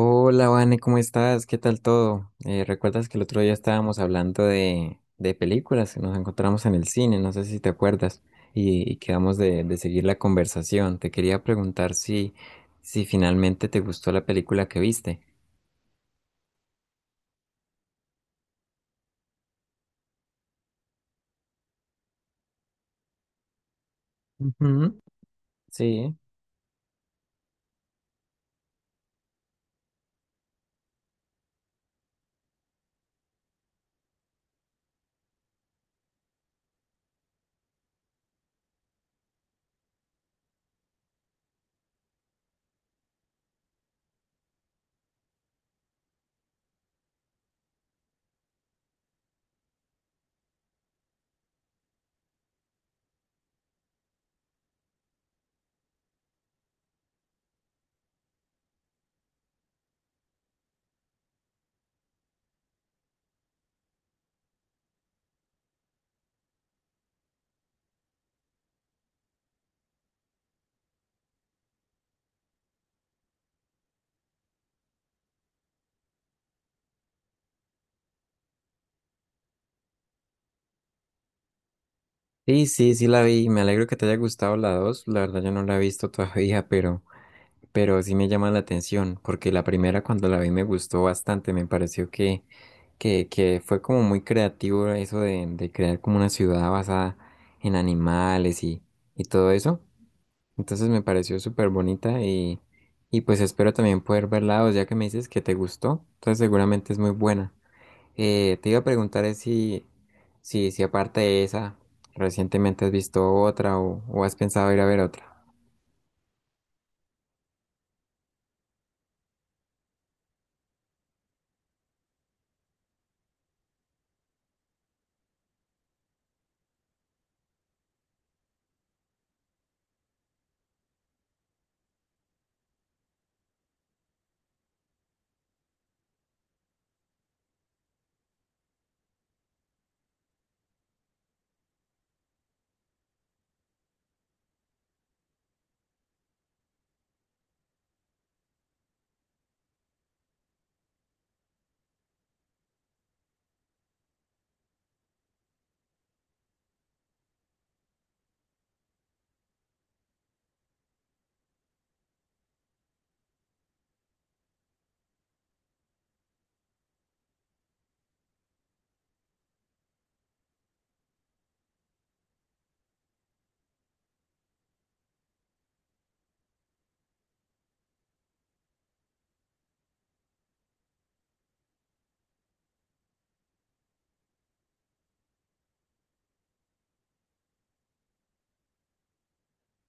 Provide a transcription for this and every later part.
Hola, Vane, ¿cómo estás? ¿Qué tal todo? ¿Recuerdas que el otro día estábamos hablando de películas? Nos encontramos en el cine, no sé si te acuerdas, y quedamos de seguir la conversación. Te quería preguntar si finalmente te gustó la película que viste. Ujú. Sí, sí, sí la vi. Me alegro que te haya gustado la dos. La verdad, yo no la he visto todavía, pero sí me llama la atención, porque la primera cuando la vi me gustó bastante, me pareció que fue como muy creativo eso de crear como una ciudad basada en animales y todo eso. Entonces me pareció súper bonita y pues espero también poder verla, o ya que me dices que te gustó, entonces seguramente es muy buena. Te iba a preguntar es si aparte de esa, recientemente has visto otra o has pensado ir a ver otra.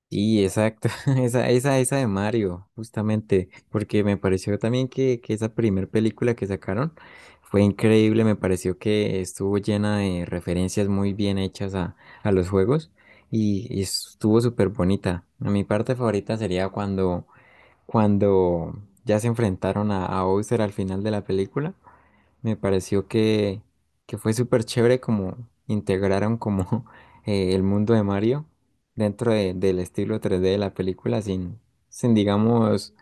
Sí, exacto, esa de Mario, justamente, porque me pareció también que esa primer película que sacaron fue increíble, me pareció que estuvo llena de referencias muy bien hechas a los juegos y estuvo súper bonita. Mi parte favorita sería cuando ya se enfrentaron a Bowser al final de la película me pareció que fue súper chévere como integraron como el mundo de Mario del estilo 3D de la película sin digamos,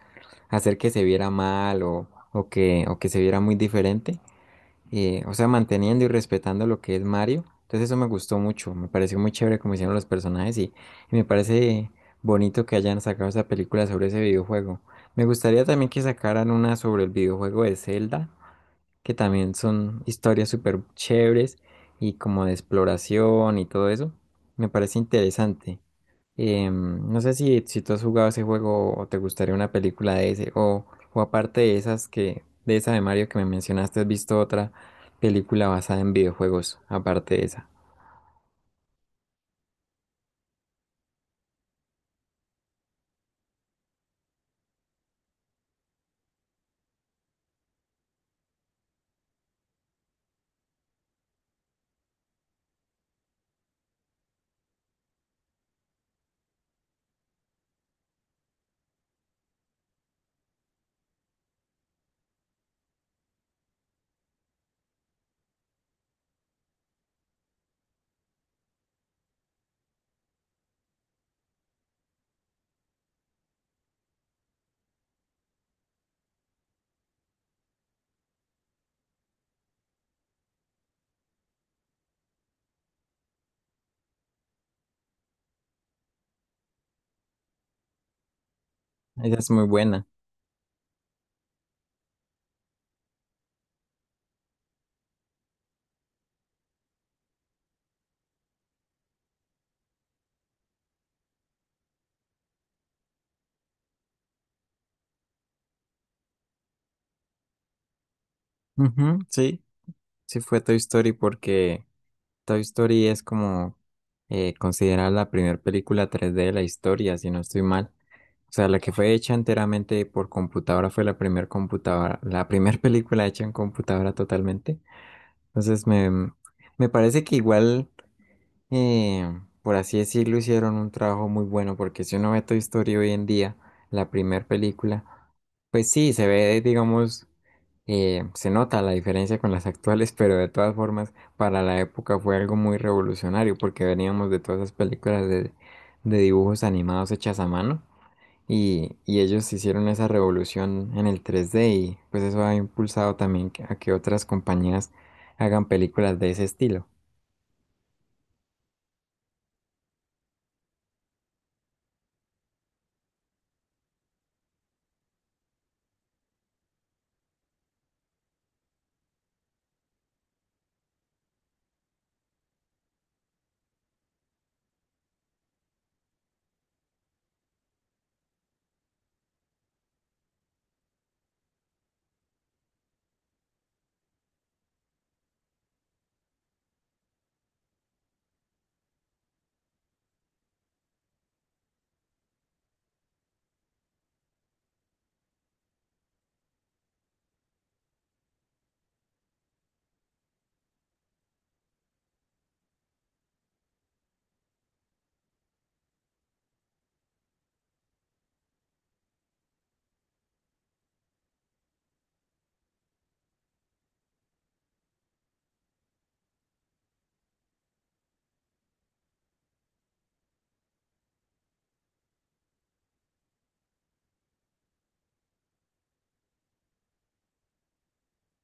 hacer que se viera mal o o que se viera muy diferente. O sea, manteniendo y respetando lo que es Mario. Entonces eso me gustó mucho, me pareció muy chévere como hicieron los personajes y me parece bonito que hayan sacado esa película sobre ese videojuego. Me gustaría también que sacaran una sobre el videojuego de Zelda que también son historias súper chéveres y como de exploración y todo eso. Me parece interesante. No sé si tú has jugado ese juego o te gustaría una película de ese, o aparte de esas que, de esa de Mario que me mencionaste, ¿has visto otra película basada en videojuegos, aparte de esa? Esa es muy buena. Ujú, sí, sí fue Toy Story porque Toy Story es como considerada la primera película 3D de la historia, si no estoy mal. O sea, la que fue hecha enteramente por computadora fue la primera computadora, la primera película hecha en computadora totalmente. Entonces me parece que igual por así decirlo, hicieron un trabajo muy bueno, porque si uno ve Toy Story hoy en día, la primera película, pues sí, se ve, digamos, se nota la diferencia con las actuales, pero de todas formas, para la época fue algo muy revolucionario, porque veníamos de todas esas películas de dibujos animados hechas a mano, y ellos hicieron esa revolución en el 3D, y pues eso ha impulsado también a que otras compañías hagan películas de ese estilo.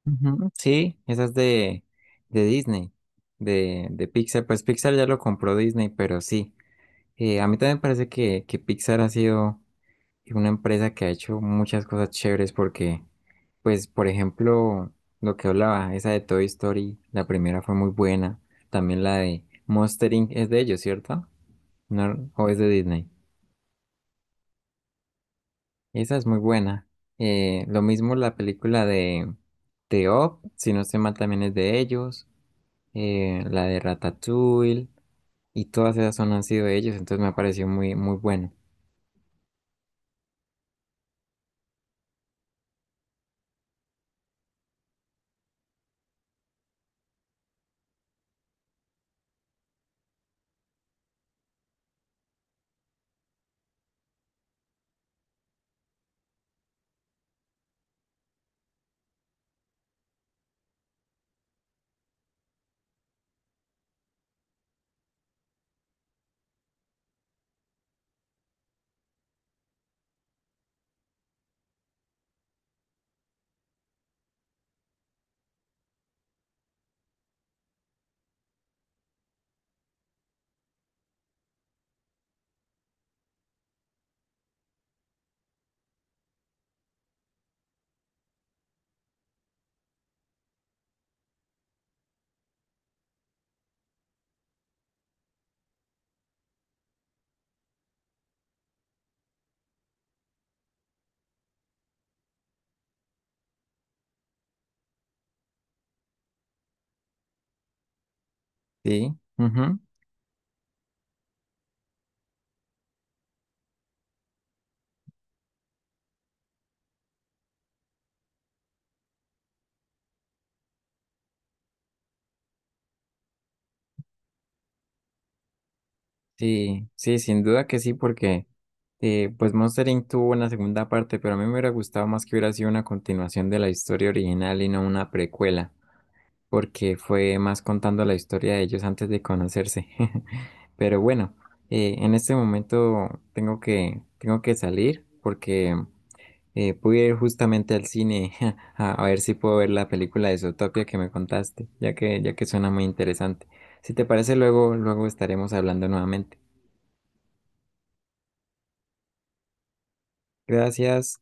Ujú. Sí, esa es de Disney, de Pixar. Pues Pixar ya lo compró Disney, pero sí. A mí también me parece que Pixar ha sido una empresa que ha hecho muchas cosas chéveres porque, pues, por ejemplo, lo que hablaba, esa de Toy Story, la primera fue muy buena. También la de Monster Inc. es de ellos, ¿cierto? No, o es de Disney. Esa es muy buena. Lo mismo la película de Up, si no estoy mal, también es de ellos. La de Ratatouille, y todas esas son han sido de ellos, entonces me ha parecido muy bueno. Sí, ujú. Sí, sí, sin duda que sí, porque pues Monster Inc. tuvo una segunda parte, pero a mí me hubiera gustado más que hubiera sido una continuación de la historia original y no una precuela, porque fue más contando la historia de ellos antes de conocerse. Pero bueno, en este momento tengo que salir porque pude ir justamente al cine a ver si puedo ver la película de Zootopia que me contaste, ya que suena muy interesante. Si te parece, luego, luego estaremos hablando nuevamente. Gracias.